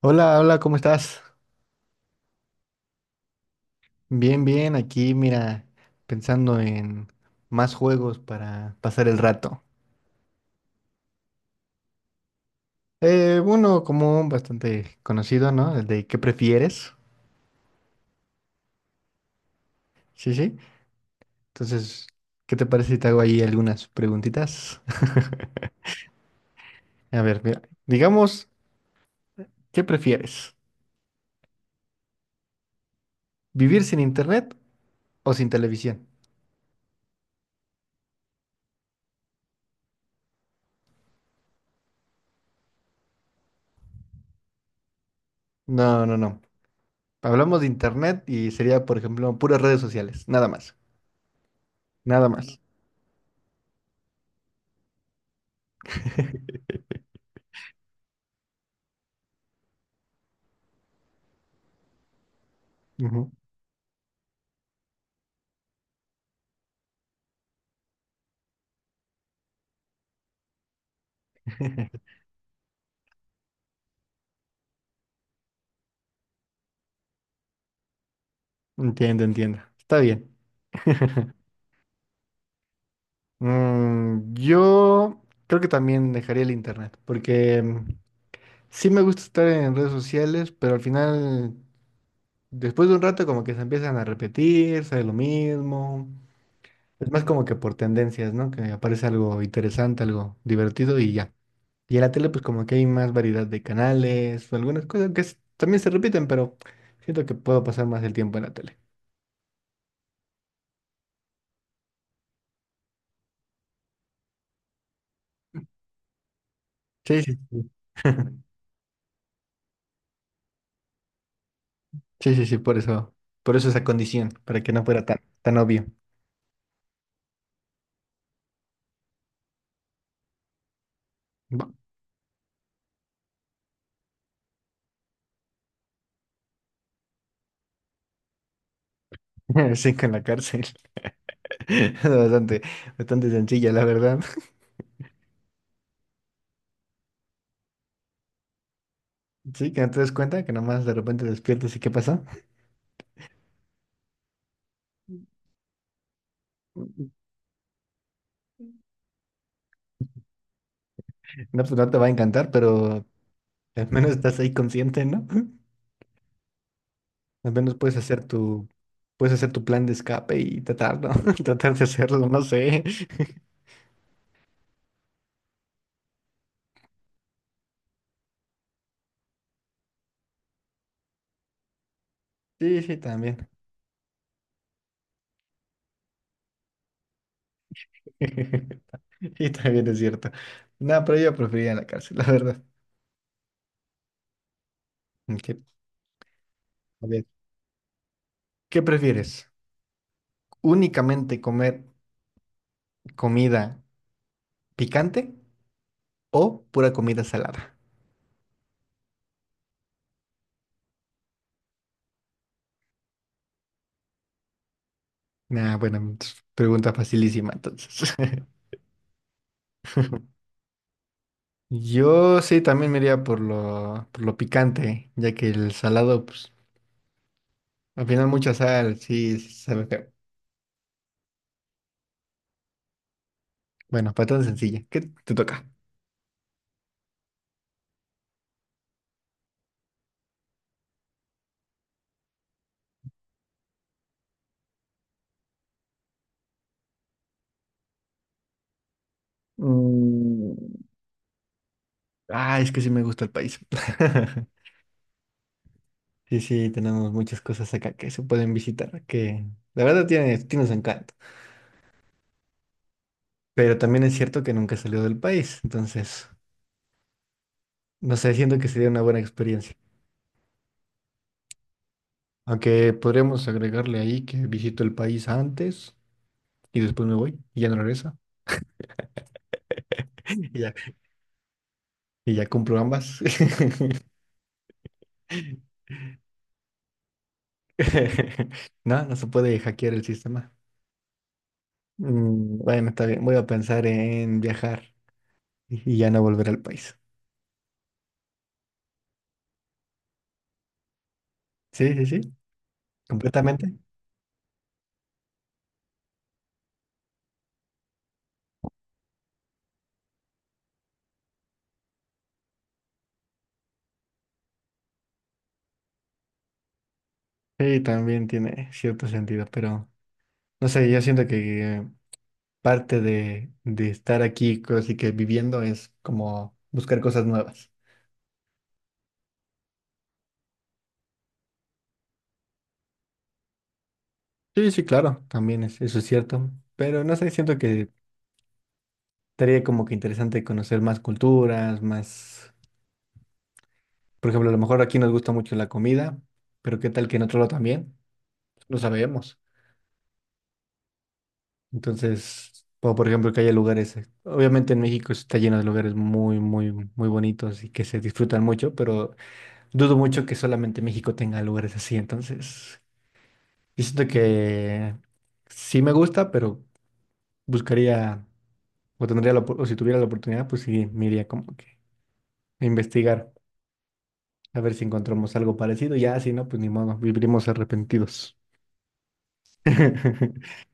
Hola, hola, ¿cómo estás? Bien, bien, aquí mira, pensando en más juegos para pasar el rato. Uno común, bastante conocido, ¿no? El de ¿qué prefieres? Sí, sí. Entonces, ¿qué te parece si te hago ahí algunas preguntitas? A ver, mira, digamos, ¿qué prefieres? ¿Vivir sin internet o sin televisión? No, no, no. Hablamos de internet y sería, por ejemplo, puras redes sociales, nada más, nada más. Ujú. Entiendo, entiendo. Está bien. Yo creo que también dejaría el internet, porque sí me gusta estar en redes sociales, pero al final, después de un rato, como que se empiezan a repetir, sale lo mismo. Es más como que por tendencias, ¿no? Que aparece algo interesante, algo divertido y ya. Y en la tele, pues como que hay más variedad de canales, o algunas cosas que también se repiten, pero siento que puedo pasar más el tiempo en la tele. Sí, sí, sí. Sí, sí, sí, por eso esa condición, para que no fuera tan, tan obvio. Bu- Sí, con la cárcel. Es bastante, bastante sencilla, la verdad. Sí, que no te des cuenta, que nomás de repente despiertas y ¿qué pasa? No, pues no te va a encantar, pero al menos estás ahí consciente, ¿no? Al menos puedes hacer tu, Puedes hacer tu plan de escape y tratarlo, tratar de hacerlo, no sé. Sí, sí, también. Y también es cierto. No, pero yo preferiría la cárcel, la verdad. Ok, a ver. ¿Qué prefieres? ¿Únicamente comer comida picante o pura comida salada? Ah, bueno, entonces, pregunta facilísima entonces. Yo sí también me iría por lo picante, ya que el salado, pues, al final mucha sal, sí, sí sabe feo. Bueno, para tan sencilla, ¿qué te toca? Mm, Ah, es que sí me gusta el país. Sí, sí, tenemos muchas cosas acá que se pueden visitar, que la verdad tiene su encanto. Pero también es cierto que nunca salió del país, entonces no sé, siento que sería una buena experiencia. Aunque podríamos agregarle ahí que visito el país antes y después me voy y ya no regreso. Y ya, y ya cumplo ambas. No, no se puede hackear el sistema. Bueno, está bien, voy a pensar en viajar y ya no volver al país. Sí, sí, sí, completamente. Sí, también tiene cierto sentido, pero no sé, yo siento que parte de estar aquí, así que viviendo, es como buscar cosas nuevas. Sí, sí, claro, también es, eso es cierto. Pero no sé, siento que estaría como que interesante conocer más culturas, más... Por ejemplo, a lo mejor aquí nos gusta mucho la comida, pero qué tal que en otro lado también, no sabemos. Entonces, o por ejemplo, que haya lugares, obviamente en México está lleno de lugares muy, muy, muy bonitos y que se disfrutan mucho, pero dudo mucho que solamente México tenga lugares así. Entonces, yo siento que sí me gusta, pero buscaría, o tendría o si tuviera la oportunidad, pues sí, me iría como que a investigar, a ver si encontramos algo parecido. Ya, si no, pues ni modo, viviremos arrepentidos.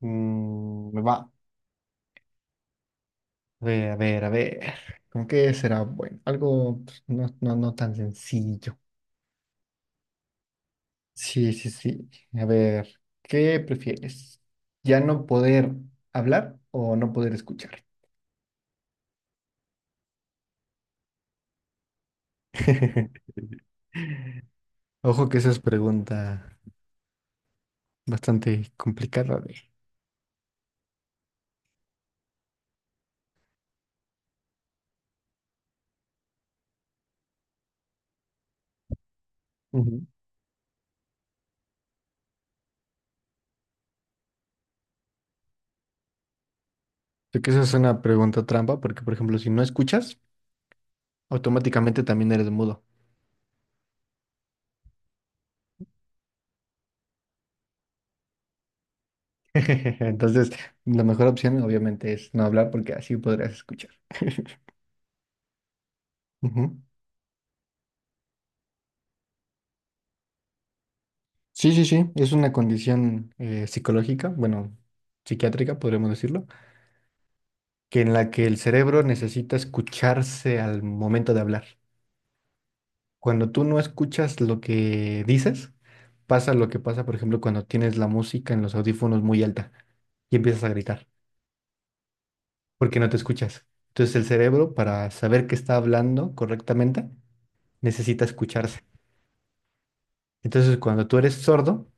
Mm, me va. A ver, a ver, a ver. ¿Con qué será bueno? Algo pues, no, no, no tan sencillo. Sí, sí, sí. A ver, ¿qué prefieres? ¿Ya no poder hablar o no poder escuchar? Ojo que esa es pregunta bastante complicada de... Ujú. Sé que esa es una pregunta trampa porque, por ejemplo, si no escuchas, automáticamente también eres mudo. Entonces, la mejor opción obviamente es no hablar porque así podrás escuchar. Ujú. Sí, sí, sí, es una condición psicológica, bueno, psiquiátrica, podríamos decirlo, que en la que el cerebro necesita escucharse al momento de hablar. Cuando tú no escuchas lo que dices, pasa lo que pasa, por ejemplo, cuando tienes la música en los audífonos muy alta y empiezas a gritar porque no te escuchas. Entonces el cerebro, para saber que está hablando correctamente, necesita escucharse. Entonces cuando tú eres sordo,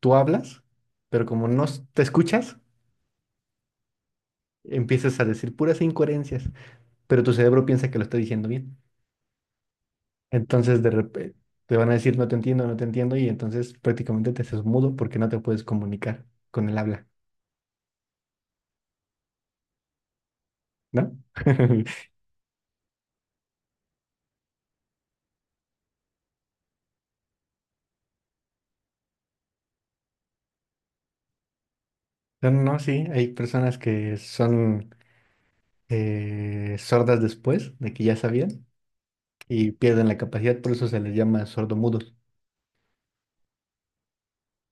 tú hablas, pero como no s- te escuchas, empiezas a decir puras incoherencias, pero tu cerebro piensa que lo está diciendo bien. Entonces de repente te van a decir no te entiendo, no te entiendo y entonces prácticamente te haces mudo porque no te puedes comunicar con el habla. ¿No? No, no, sí, hay personas que son sordas después de que ya sabían y pierden la capacidad, por eso se les llama sordomudos.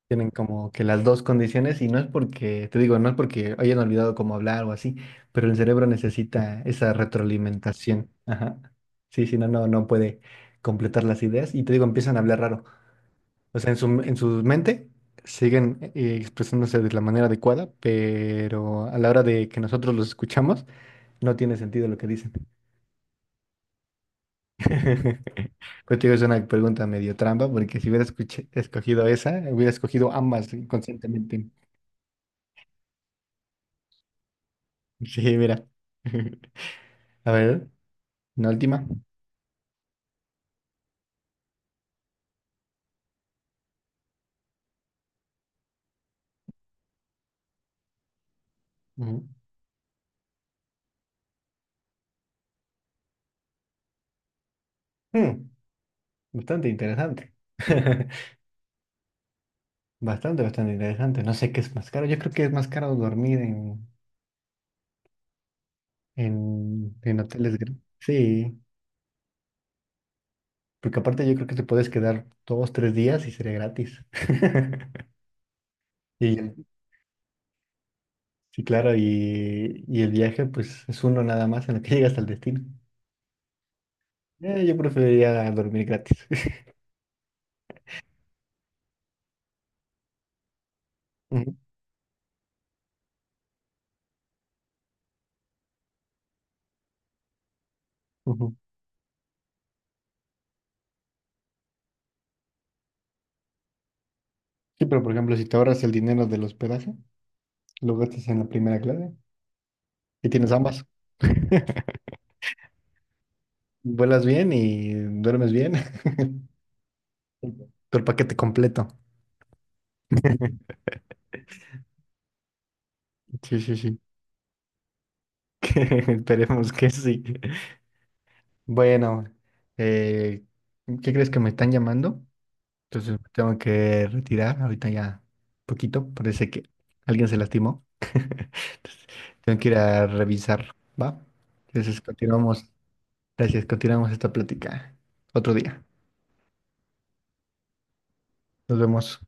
Tienen como que las dos condiciones y no es porque, te digo, no es porque hayan olvidado cómo hablar o así, pero el cerebro necesita esa retroalimentación. Ajá. Sí, si no, no, no puede completar las ideas y te digo, empiezan a hablar raro. O sea, en su mente siguen expresándose de la manera adecuada, pero a la hora de que nosotros los escuchamos, no tiene sentido lo que dicen. Contigo es una pregunta medio trampa, porque si hubiera escogido esa, hubiera escogido ambas inconscientemente. Sí, mira. A ver, una última. Ujú. Mm, bastante interesante. Bastante, bastante interesante. No sé qué es más caro. Yo creo que es más caro dormir en hoteles. Sí, porque aparte yo creo que te puedes quedar dos, tres días y sería gratis. Y, sí, claro, y el viaje pues es uno nada más en el que llegas al destino. Yo preferiría dormir gratis. Ujú, ujú. Sí, pero por ejemplo, si te ahorras el dinero del hospedaje, lo gastas en la primera clase y tienes ambas. Vuelas bien y duermes bien. Todo el paquete completo. Sí, sí, sí. Esperemos que sí. Bueno, eh, ¿qué crees que me están llamando? Entonces me tengo que retirar ahorita ya poquito. Parece que alguien se lastimó. Tengo que ir a revisar, ¿va? Entonces continuamos. Gracias, continuamos esta plática otro día. Nos vemos.